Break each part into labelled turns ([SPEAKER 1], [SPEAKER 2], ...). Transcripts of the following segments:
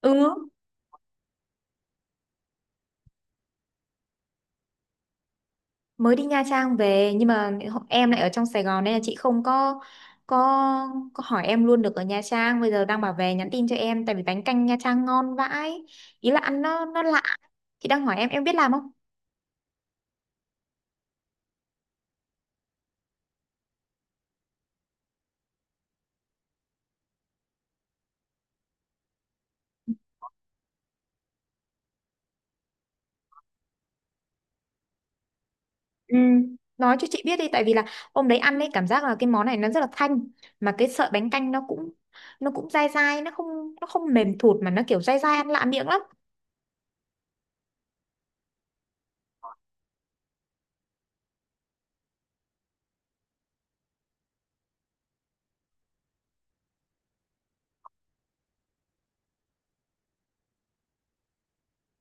[SPEAKER 1] Ừ, mới đi Nha Trang về nhưng mà em lại ở trong Sài Gòn nên là chị không có có hỏi em luôn được ở Nha Trang. Bây giờ đang bảo về nhắn tin cho em tại vì bánh canh Nha Trang ngon vãi. Ý là ăn nó lạ. Chị đang hỏi em biết làm không? Ừ. Nói cho chị biết đi tại vì là hôm đấy ăn ấy cảm giác là cái món này nó rất là thanh, mà cái sợi bánh canh nó cũng dai dai, nó không mềm thụt mà nó kiểu dai dai ăn lạ miệng lắm.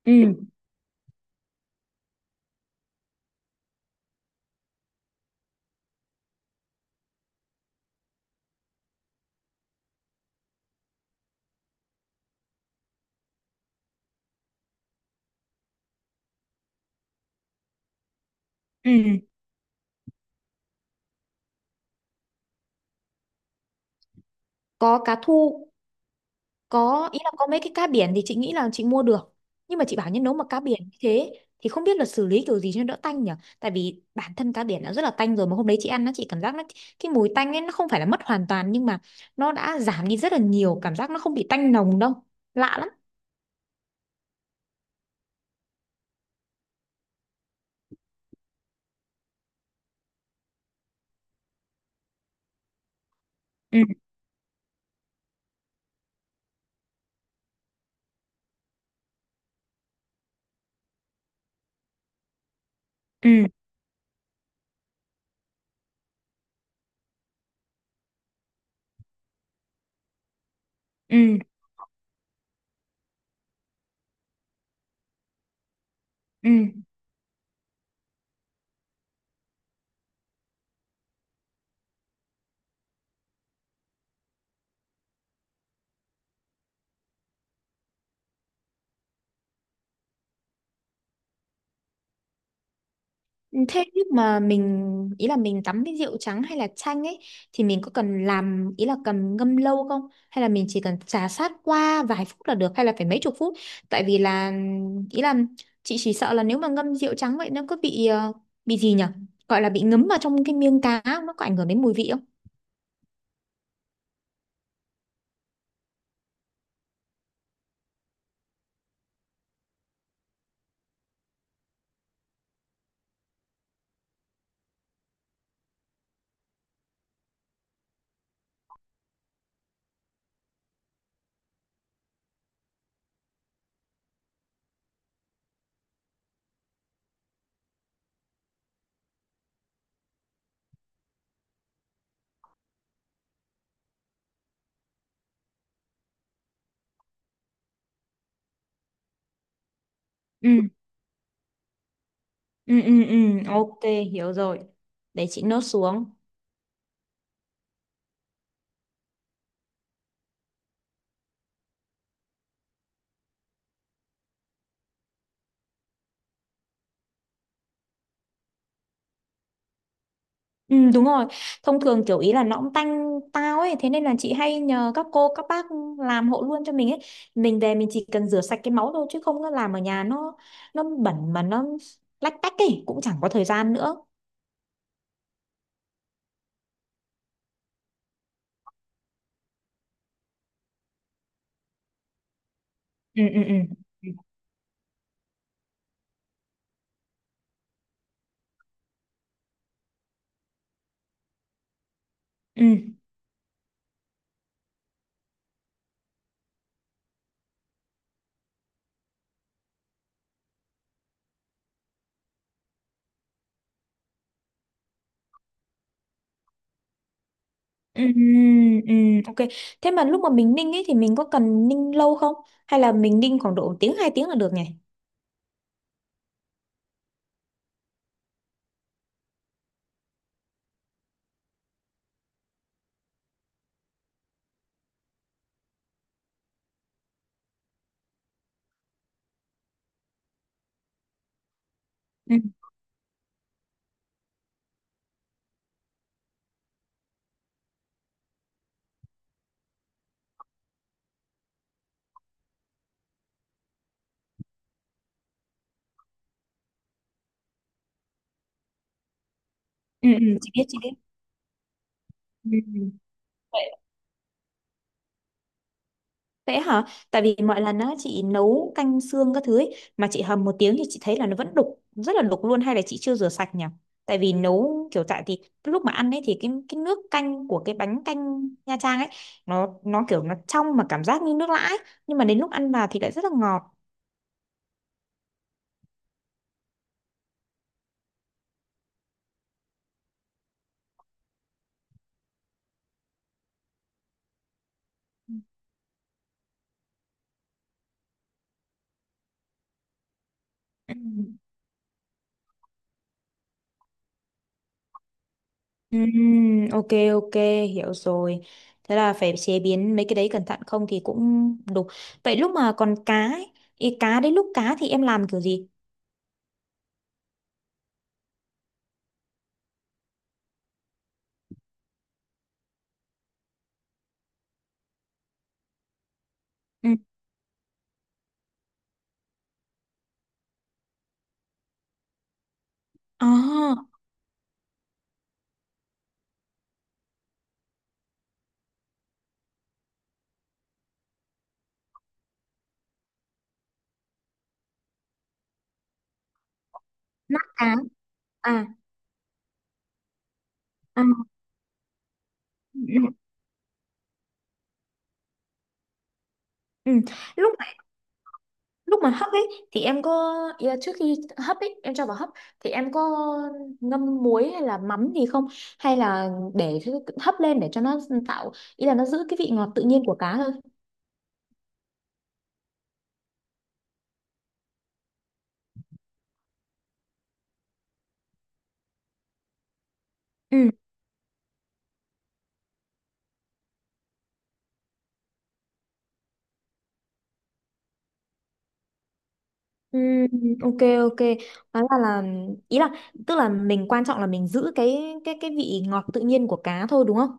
[SPEAKER 1] Ừ, ừ. Có cá thu, có ý là có mấy cái cá biển thì chị nghĩ là chị mua được, nhưng mà chị bảo nhân nấu mà cá biển như thế thì không biết là xử lý kiểu gì cho nó đỡ tanh nhỉ. Tại vì bản thân cá biển đã rất là tanh rồi, mà hôm đấy chị ăn nó chị cảm giác nó, cái mùi tanh ấy nó không phải là mất hoàn toàn nhưng mà nó đã giảm đi rất là nhiều, cảm giác nó không bị tanh nồng đâu, lạ lắm. Ừ ừ, ừ, ừ, ừ. Thế nhưng mà ý là mình tắm với rượu trắng hay là chanh ấy thì mình có cần làm, ý là cần ngâm lâu không, hay là mình chỉ cần trà sát qua vài phút là được hay là phải mấy chục phút? Tại vì là, ý là, chị chỉ sợ là nếu mà ngâm rượu trắng vậy nó có bị bị gì nhỉ, gọi là bị ngấm vào trong cái miếng cá không? Nó có ảnh hưởng đến mùi vị không? Ừ, ừ, ừ, ừ, ok, hiểu rồi. Để chị nốt xuống. Ừ, đúng rồi, thông thường kiểu ý là nó cũng tanh tao ấy, thế nên là chị hay nhờ các cô các bác làm hộ luôn cho mình ấy, mình về mình chỉ cần rửa sạch cái máu thôi, chứ không nó làm ở nhà nó bẩn mà nó lách tách ấy cũng chẳng có thời gian nữa. Ừ, ừ, ừ, ừ, ừ, ừ, ừ, ok. Thế mà lúc mà mình ninh ấy thì mình có cần ninh lâu không, hay là mình ninh khoảng độ một tiếng hai tiếng là được nhỉ? Ừ, ừ, ừ, chị biết chị biết. Ừ. Ừ. Vậy, vậy hả? Tại vì mọi lần á chị nấu canh xương các thứ ấy, mà chị hầm một tiếng thì chị thấy là nó vẫn đục, rất là đục luôn, hay là chị chưa rửa sạch nhỉ? Tại vì nấu kiểu tại thì lúc mà ăn ấy thì cái nước canh của cái bánh canh Nha Trang ấy, nó kiểu nó trong mà cảm giác như nước lã ấy. Nhưng mà đến lúc ăn vào thì lại rất là ngọt. Ừm. Ok, ok, hiểu rồi. Thế là phải chế biến mấy cái đấy cẩn thận không thì cũng đục. Vậy lúc mà còn cá ấy, ý cá đấy lúc cá thì em làm kiểu gì? Ừ. À, nát á. À. À. Ừ, ừ, ừ. lúc mà Lúc mà hấp ấy thì em có, ý là trước khi hấp ấy em cho vào hấp thì em có ngâm muối hay là mắm gì không, hay là để hấp lên để cho nó tạo, ý là nó giữ cái vị ngọt tự nhiên của cá thôi? Ừ, ừ, ok, ok, đó là, ý là, tức là mình quan trọng là mình giữ cái vị ngọt tự nhiên của cá thôi đúng không?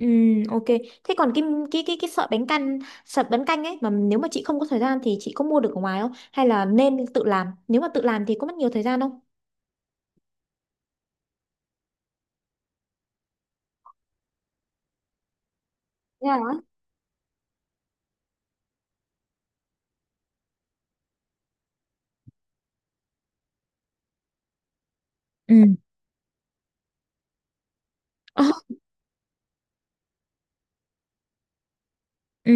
[SPEAKER 1] Ừ, ok. Thế còn cái cái sợi bánh căn, sợi bánh canh ấy mà nếu mà chị không có thời gian thì chị có mua được ở ngoài không? Hay là nên tự làm? Nếu mà tự làm thì có mất nhiều thời gian không? Thế hả? Ừ. Ờ, ừ.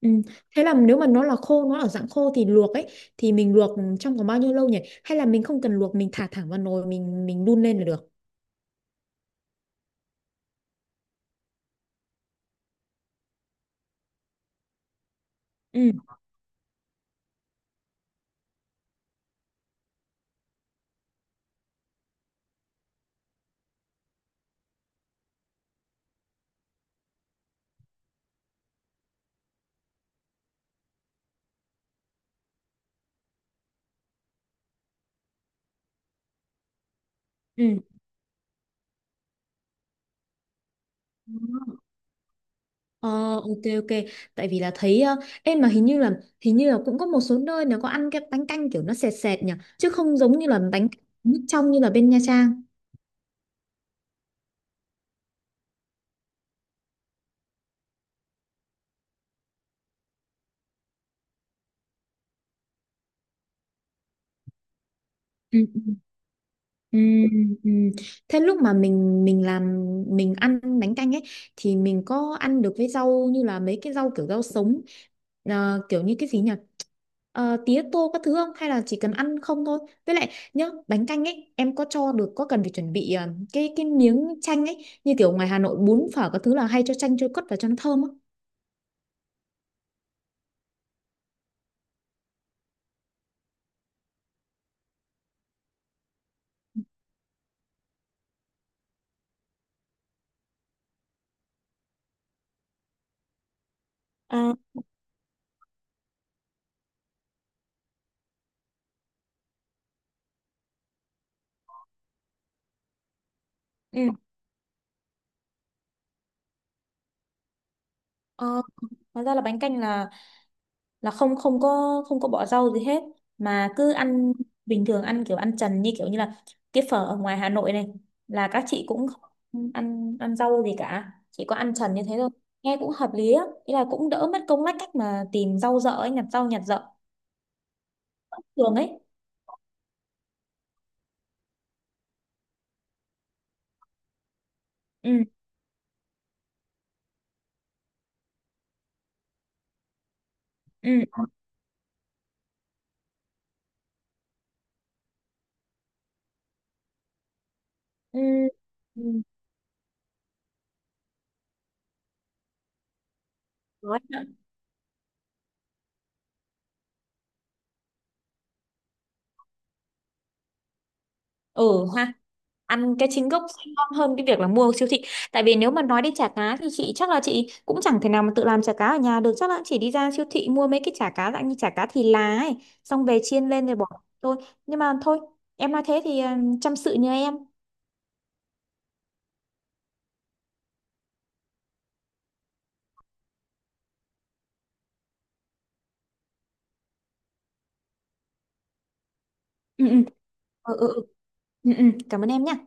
[SPEAKER 1] Ừ. Thế là nếu mà nó là khô, nó ở dạng khô thì luộc ấy, thì mình luộc trong vòng bao nhiêu lâu nhỉ? Hay là mình không cần luộc, mình thả thẳng vào nồi mình đun lên là được. Ừ. Ừ. Ờ, ok, ok, tại vì là thấy em mà hình như là cũng có một số nơi nó có ăn cái bánh canh kiểu nó sệt sệt nhỉ, chứ không giống như là bánh nước trong như là bên Nha Trang. Ừ. Ừ, ừ. Thế lúc mà mình làm, mình ăn bánh canh ấy thì mình có ăn được với rau như là mấy cái rau kiểu rau sống, kiểu như cái gì nhỉ, ờ, tía tô các thứ không, hay là chỉ cần ăn không thôi? Với lại nhá bánh canh ấy em có cho được, có cần phải chuẩn bị cái miếng chanh ấy như kiểu ngoài Hà Nội bún phở các thứ là hay cho chanh cho cất vào cho nó thơm á? À, ừ. Ờ, hóa ra là bánh canh là không không có không có bỏ rau gì hết mà cứ ăn bình thường, ăn kiểu ăn trần như kiểu như là cái phở ở ngoài Hà Nội này, là các chị cũng không ăn ăn rau gì cả, chỉ có ăn trần như thế thôi, nghe cũng hợp lý á, ý là cũng đỡ mất công lách cách mà tìm rau dợ ấy nhặt rau nhặt dợ thường ấy. Ừ, ừ, ừ, ừ. Nói. Ừ ha, ăn cái chính gốc sẽ ngon hơn cái việc là mua ở siêu thị, tại vì nếu mà nói đến chả cá thì chị chắc là chị cũng chẳng thể nào mà tự làm chả cá ở nhà được, chắc là chỉ đi ra siêu thị mua mấy cái chả cá dạng như chả cá thì lá ấy, xong về chiên lên rồi bỏ thôi. Nhưng mà thôi, em nói thế thì ừ, chăm sự nhờ em. Ừ, ừ, ừ, ừ, ừ. Ừ, ừ. Cảm ơn em nhé.